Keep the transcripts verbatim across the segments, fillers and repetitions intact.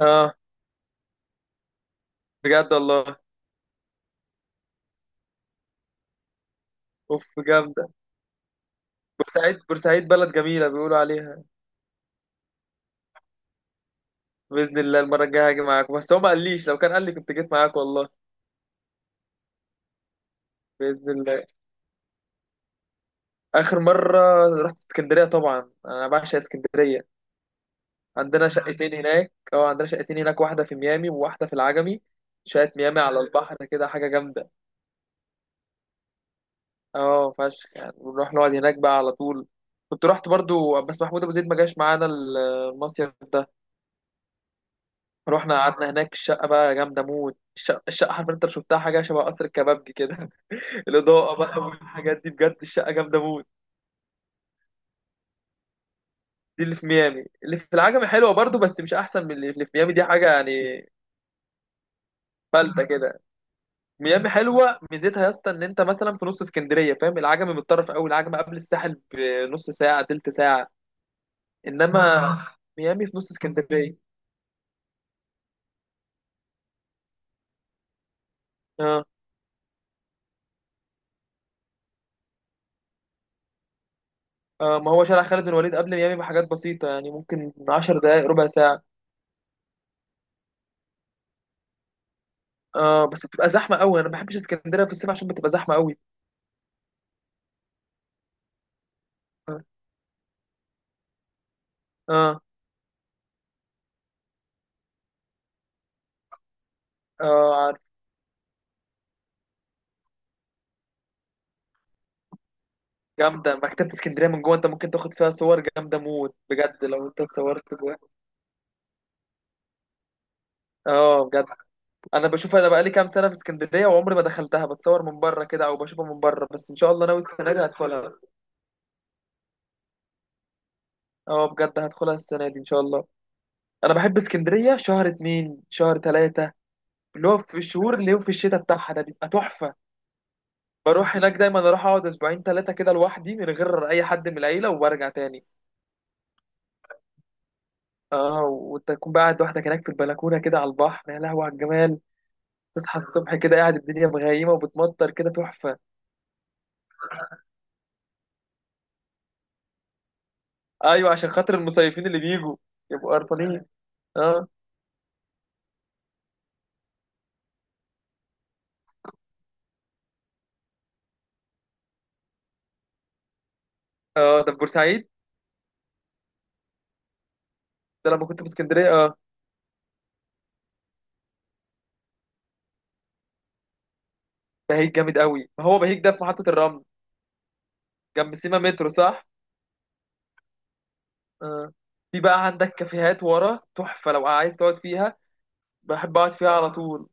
اه بجد والله. اوف جامده. بورسعيد بورسعيد بلد جميله بيقولوا عليها. باذن الله المره الجايه هاجي معاكم، بس هو ما قاليش. لو كان قال لي كنت جيت معاك والله. باذن الله. اخر مره رحت اسكندريه. طبعا انا بعشق اسكندريه. عندنا شقتين هناك اه عندنا شقتين هناك، واحده في ميامي وواحده في العجمي. شقه ميامي على البحر كده حاجه جامده. اه فشخ، يعني بنروح نقعد هناك بقى على طول. كنت رحت برضو بس محمود ابو زيد ما جاش معانا المصيف ده. رحنا قعدنا هناك. الشقة بقى جامدة موت. الشقة, الشقة عارف انت لو شفتها حاجة شبه قصر الكبابجي كده. الإضاءة بقى والحاجات دي، بجد الشقة جامدة موت. دي اللي في ميامي. اللي في العجمي حلوة برضو بس مش أحسن من اللي اللي في ميامي، دي حاجة يعني. فلتة كده. ميامي حلوة، ميزتها يا اسطى إن أنت مثلا في نص اسكندرية، فاهم؟ العجمي متطرف أوي، العجمي قبل الساحل بنص ساعة تلت ساعة. إنما ميامي في نص اسكندرية. اه، اه، ما هو شارع خالد بن الوليد قبل ميامي بحاجات بسيطة، يعني ممكن 10 دقايق ربع ساعة. اه بس بتبقى زحمه قوي، انا ما بحبش اسكندريه في الصيف عشان بتبقى زحمه قوي. اه، اه، آه، عارف. جامده مكتبه اسكندريه من جوه، انت ممكن تاخد فيها صور جامده موت بجد لو انت اتصورت جوه. اه بجد. انا بشوف انا بقالي كام سنه في اسكندريه وعمري ما دخلتها، بتصور من بره كده او بشوفها من بره بس. ان شاء الله ناوي السنه دي هدخلها. اه بجد هدخلها السنه دي ان شاء الله. انا بحب اسكندريه شهر اتنين شهر تلاته. اللي هو في الشهور اللي هو في الشتاء بتاعها ده بيبقى تحفه. بروح هناك دايما، اروح اقعد اسبوعين ثلاثه كده لوحدي من غير اي حد من العيله وبرجع تاني. اه، وانت تكون بقى قاعد لوحدك هناك في البلكونه كده على البحر، يا لهوي على الجمال. تصحى الصبح كده قاعد الدنيا مغيمه وبتمطر كده تحفه. ايوه عشان خاطر المصيفين اللي بيجوا يبقوا قرفانين. اه، اه، ده في بورسعيد؟ ده لما كنت في اسكندريه، اه. بهيج جامد قوي، ما هو بهيج ده في محطه الرمل. جنب سيما مترو، صح؟ اه، في بقى عندك كافيهات ورا تحفه لو عايز تقعد فيها. بحب اقعد فيها على طول.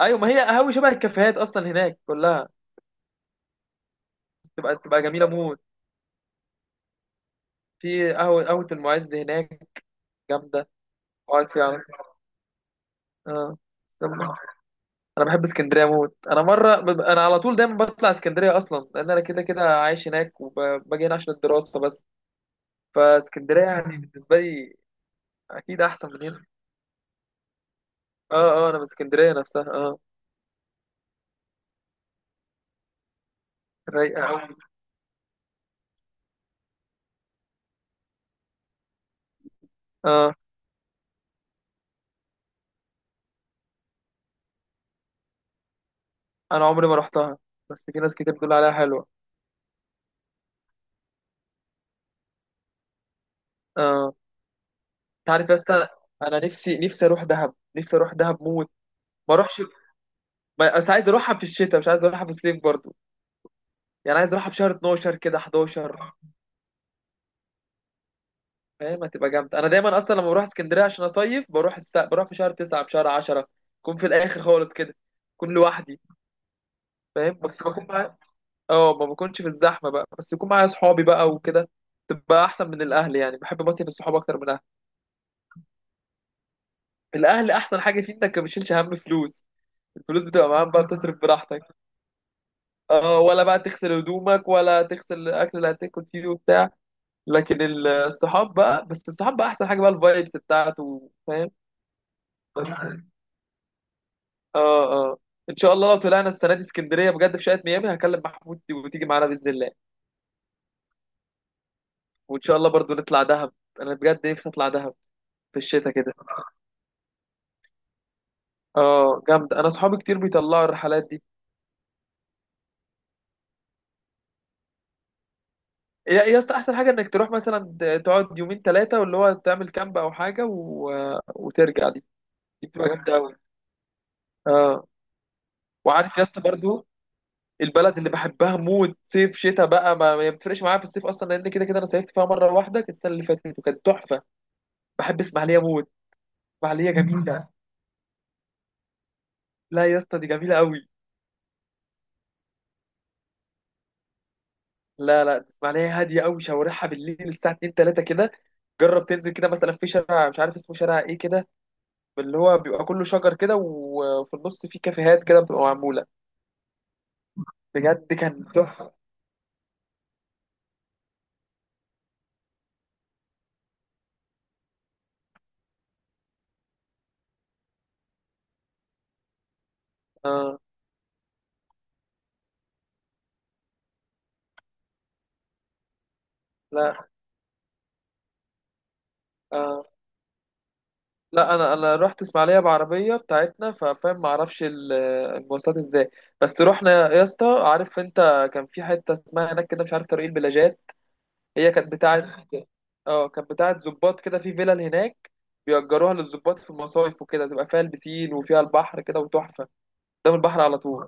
ايوه، ما هي قهوه شبه الكافيهات اصلا هناك كلها. تبقى تبقى جميله موت. في قهوه قهوه المعز هناك جامده. اقعد فيها على. اه استنى. انا بحب اسكندريه موت. انا مره بب- انا على طول دايما بطلع اسكندريه، اصلا لان انا كده كده عايش هناك وباجي هنا عشان الدراسه بس. فاسكندريه يعني بالنسبه لي اكيد احسن من هنا. اه، اه، انا من اسكندريه نفسها، اه. رايقه قوي. اه انا عمري ما رحتها بس في ناس كتير بتقول عليها حلوه. اه انت عارف يا اسطى. انا نفسي نفسي اروح دهب، نفسي اروح دهب موت. ما اروحش. ما- بس عايز اروحها في الشتاء، مش عايز اروحها في الصيف برضو. يعني عايز اروحها في شهر اتناشر كده حداشر. فاهم؟ هتبقى جامدة. أنا دايما أصلا لما بروح اسكندرية عشان أصيف بروح الس... بروح في شهر تسعة في شهر عشرة. أكون في الآخر خالص كده. أكون لوحدي. فاهم، بس بكون معايا. أه، ما بكونش في الزحمة بقى بس يكون معايا صحابي بقى وكده. تبقى أحسن من الأهل، يعني بحب بصيف الصحاب أكتر من الأهل. الأهل أحسن حاجة فيه إنك ما بتشيلش هم فلوس. الفلوس بتبقى معاهم بقى، بتصرف براحتك. اه، ولا بقى تغسل هدومك ولا تغسل الاكل اللي هتاكل فيه وبتاع. لكن الصحاب بقى، بس الصحاب بقى احسن حاجه بقى الفايبس بتاعته. فاهم. اه، اه، ان شاء الله لو طلعنا السنه دي اسكندريه بجد في شقه ميامي هكلم محمود وتيجي معانا باذن الله. وان شاء الله برضو نطلع دهب. انا بجد نفسي اطلع دهب. في الشتاء كده. اه جامده، انا اصحابي كتير بيطلعوا الرحلات دي. يا يا اسطى احسن حاجه انك تروح مثلا ت- تقعد يومين ثلاثه، واللي هو تعمل كامب او حاجه و... وترجع. دي دي بتبقى جامده قوي. اه. وعارف يا اسطى برضو البلد اللي بحبها موت صيف شتاء بقى ما ما بتفرقش معايا. في الصيف اصلا لان كده كده انا صيفت فيها مره واحده كانت السنه اللي فاتت وكانت تحفه. بحب اسماعيليه موت. اسماعيليه جميله. لا يا اسطى دي جميله قوي. لا، لا، تسمع لها هاديه قوي، شوارعها بالليل الساعه اتنين تلاتة كده. جرب تنزل كده مثلا في شارع مش عارف اسمه، شارع ايه كده اللي هو بيبقى كله شجر كده وفي النص في كافيهات كده بتبقى معموله. بجد كان تحفه. اه، لا، آه. لا انا انا رحت اسماعيليه بعربيه بتاعتنا، ففاهم ما اعرفش ال- المواصلات ازاي. بس رحنا يا اسطى، عارف انت كان في حته اسمها هناك كده مش عارف، طريق البلاجات. هي كانت بتاعت اه كانت بتاعت ظباط كده في فيلل هناك. بيأجروها للظباط في المصايف وكده، تبقى فيها البسين وفيها البحر كده وتحفة. قدام البحر على طول.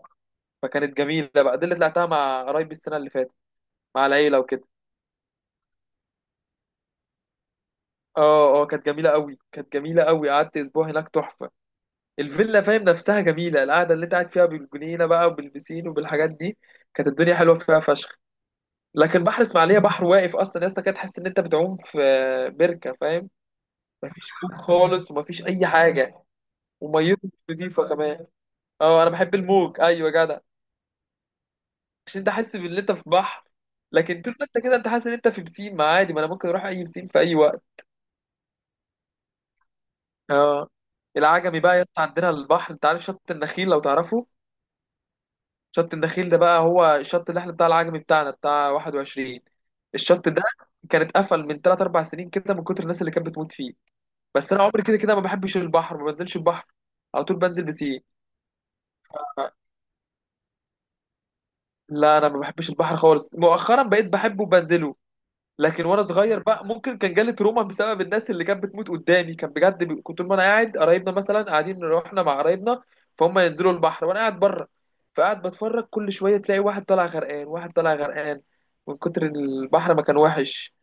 فكانت جميلة بقى. دي اللي طلعتها مع قرايبي السنة اللي فاتت، مع العيلة وكده. اه، اه، كانت جميلة قوي، كانت جميلة قوي، قعدت أسبوع هناك تحفة. الفيلا فاهم نفسها جميلة، القعدة اللي أنت قاعد فيها بالجنينة بقى وبالبسين وبالحاجات دي كانت الدنيا حلوة فيها فشخ. لكن بحر اسماعيلية بحر واقف أصلا يا اسطى، كده تحس إن أنت بتعوم في آه، بركة، فاهم؟ مفيش موج خالص ومفيش أي حاجة. وميته مش نضيفه كمان. اه، انا بحب الموج، ايوه يا جدع. عشان انت حاسس ان انت في بحر. لكن طول ما انت كده انت حاسس ان انت في بسين، ما عادي، ما انا ممكن اروح اي بسين في اي وقت. اه، العجمي بقى يا اسطى عندنا البحر، انت عارف شط النخيل لو تعرفه؟ شط النخيل ده بقى هو الشط اللي احنا بتاع العجمي بتاعنا بتاع واحد وعشرين. الشط ده كان اتقفل من تلاتة 4 سنين كده من كتر الناس اللي كانت بتموت فيه. بس انا عمري كده كده ما بحبش البحر، ما بنزلش البحر على طول، بنزل بسين. لا انا ما بحبش البحر خالص، مؤخرا بقيت بحبه وبنزله. لكن وانا صغير بقى ممكن كان جالي تروما بسبب الناس اللي كانت بتموت قدامي، كان بجد بي... كنت وانا قاعد قرايبنا مثلا قاعدين رحنا مع قرايبنا، فهم ينزلوا البحر وانا قاعد بره. فقاعد بتفرج كل شويه تلاقي واحد طالع غرقان، واحد طالع غرقان من كتر البحر ما كان وحش.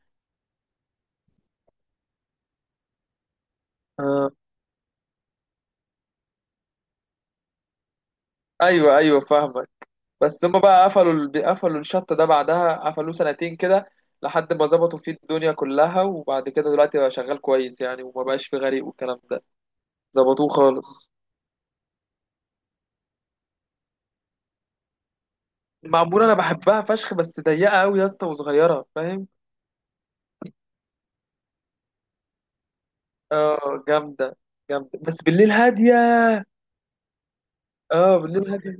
آه، ايوه، ايوه، فاهمك. بس هم بقى قفلوا ال... قفلوا الشط ده. بعدها قفلوه سنتين كده لحد ما ظبطوا فيه الدنيا كلها وبعد كده دلوقتي بقى شغال كويس، يعني وما بقاش فيه غريق والكلام ده. ظبطوه خالص. المعموره انا بحبها فشخ بس ضيقه قوي يا اسطى وصغيره فاهم. اه جامده. جامده بس بالليل هاديه. اه بالليل هاديه.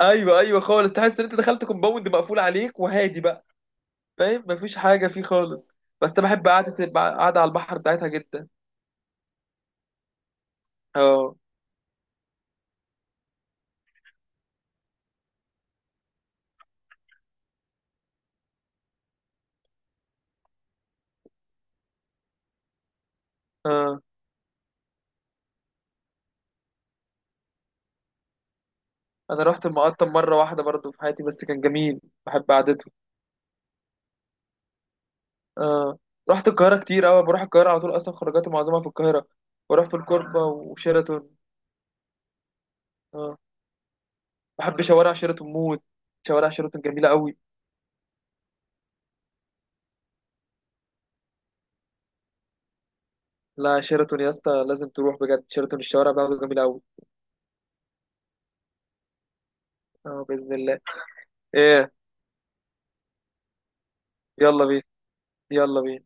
ايوه، ايوه، خالص تحس ان انت دخلت كومباوند مقفول عليك وهادي بقى. فاهم مفيش حاجه فيه خالص. بس انا بحب قعده قعده على البحر بتاعتها جدا. اه، اه، انا رحت المقطم مره واحده برضو في حياتي بس كان جميل. بحب قعدته. اه رحت القاهره كتير قوي، بروح القاهره على طول اصلا، خروجاتي معظمها في القاهره. بروح في الكوربه وشيراتون. اه بحب شوارع شيراتون موت، شوارع شيراتون جميلة قوي. لا شيراتون يا اسطى لازم تروح بجد، شيراتون الشوارع بتاعته جميلة قوي. اه بإذن الله. ايه. يلا بينا، يلا بينا.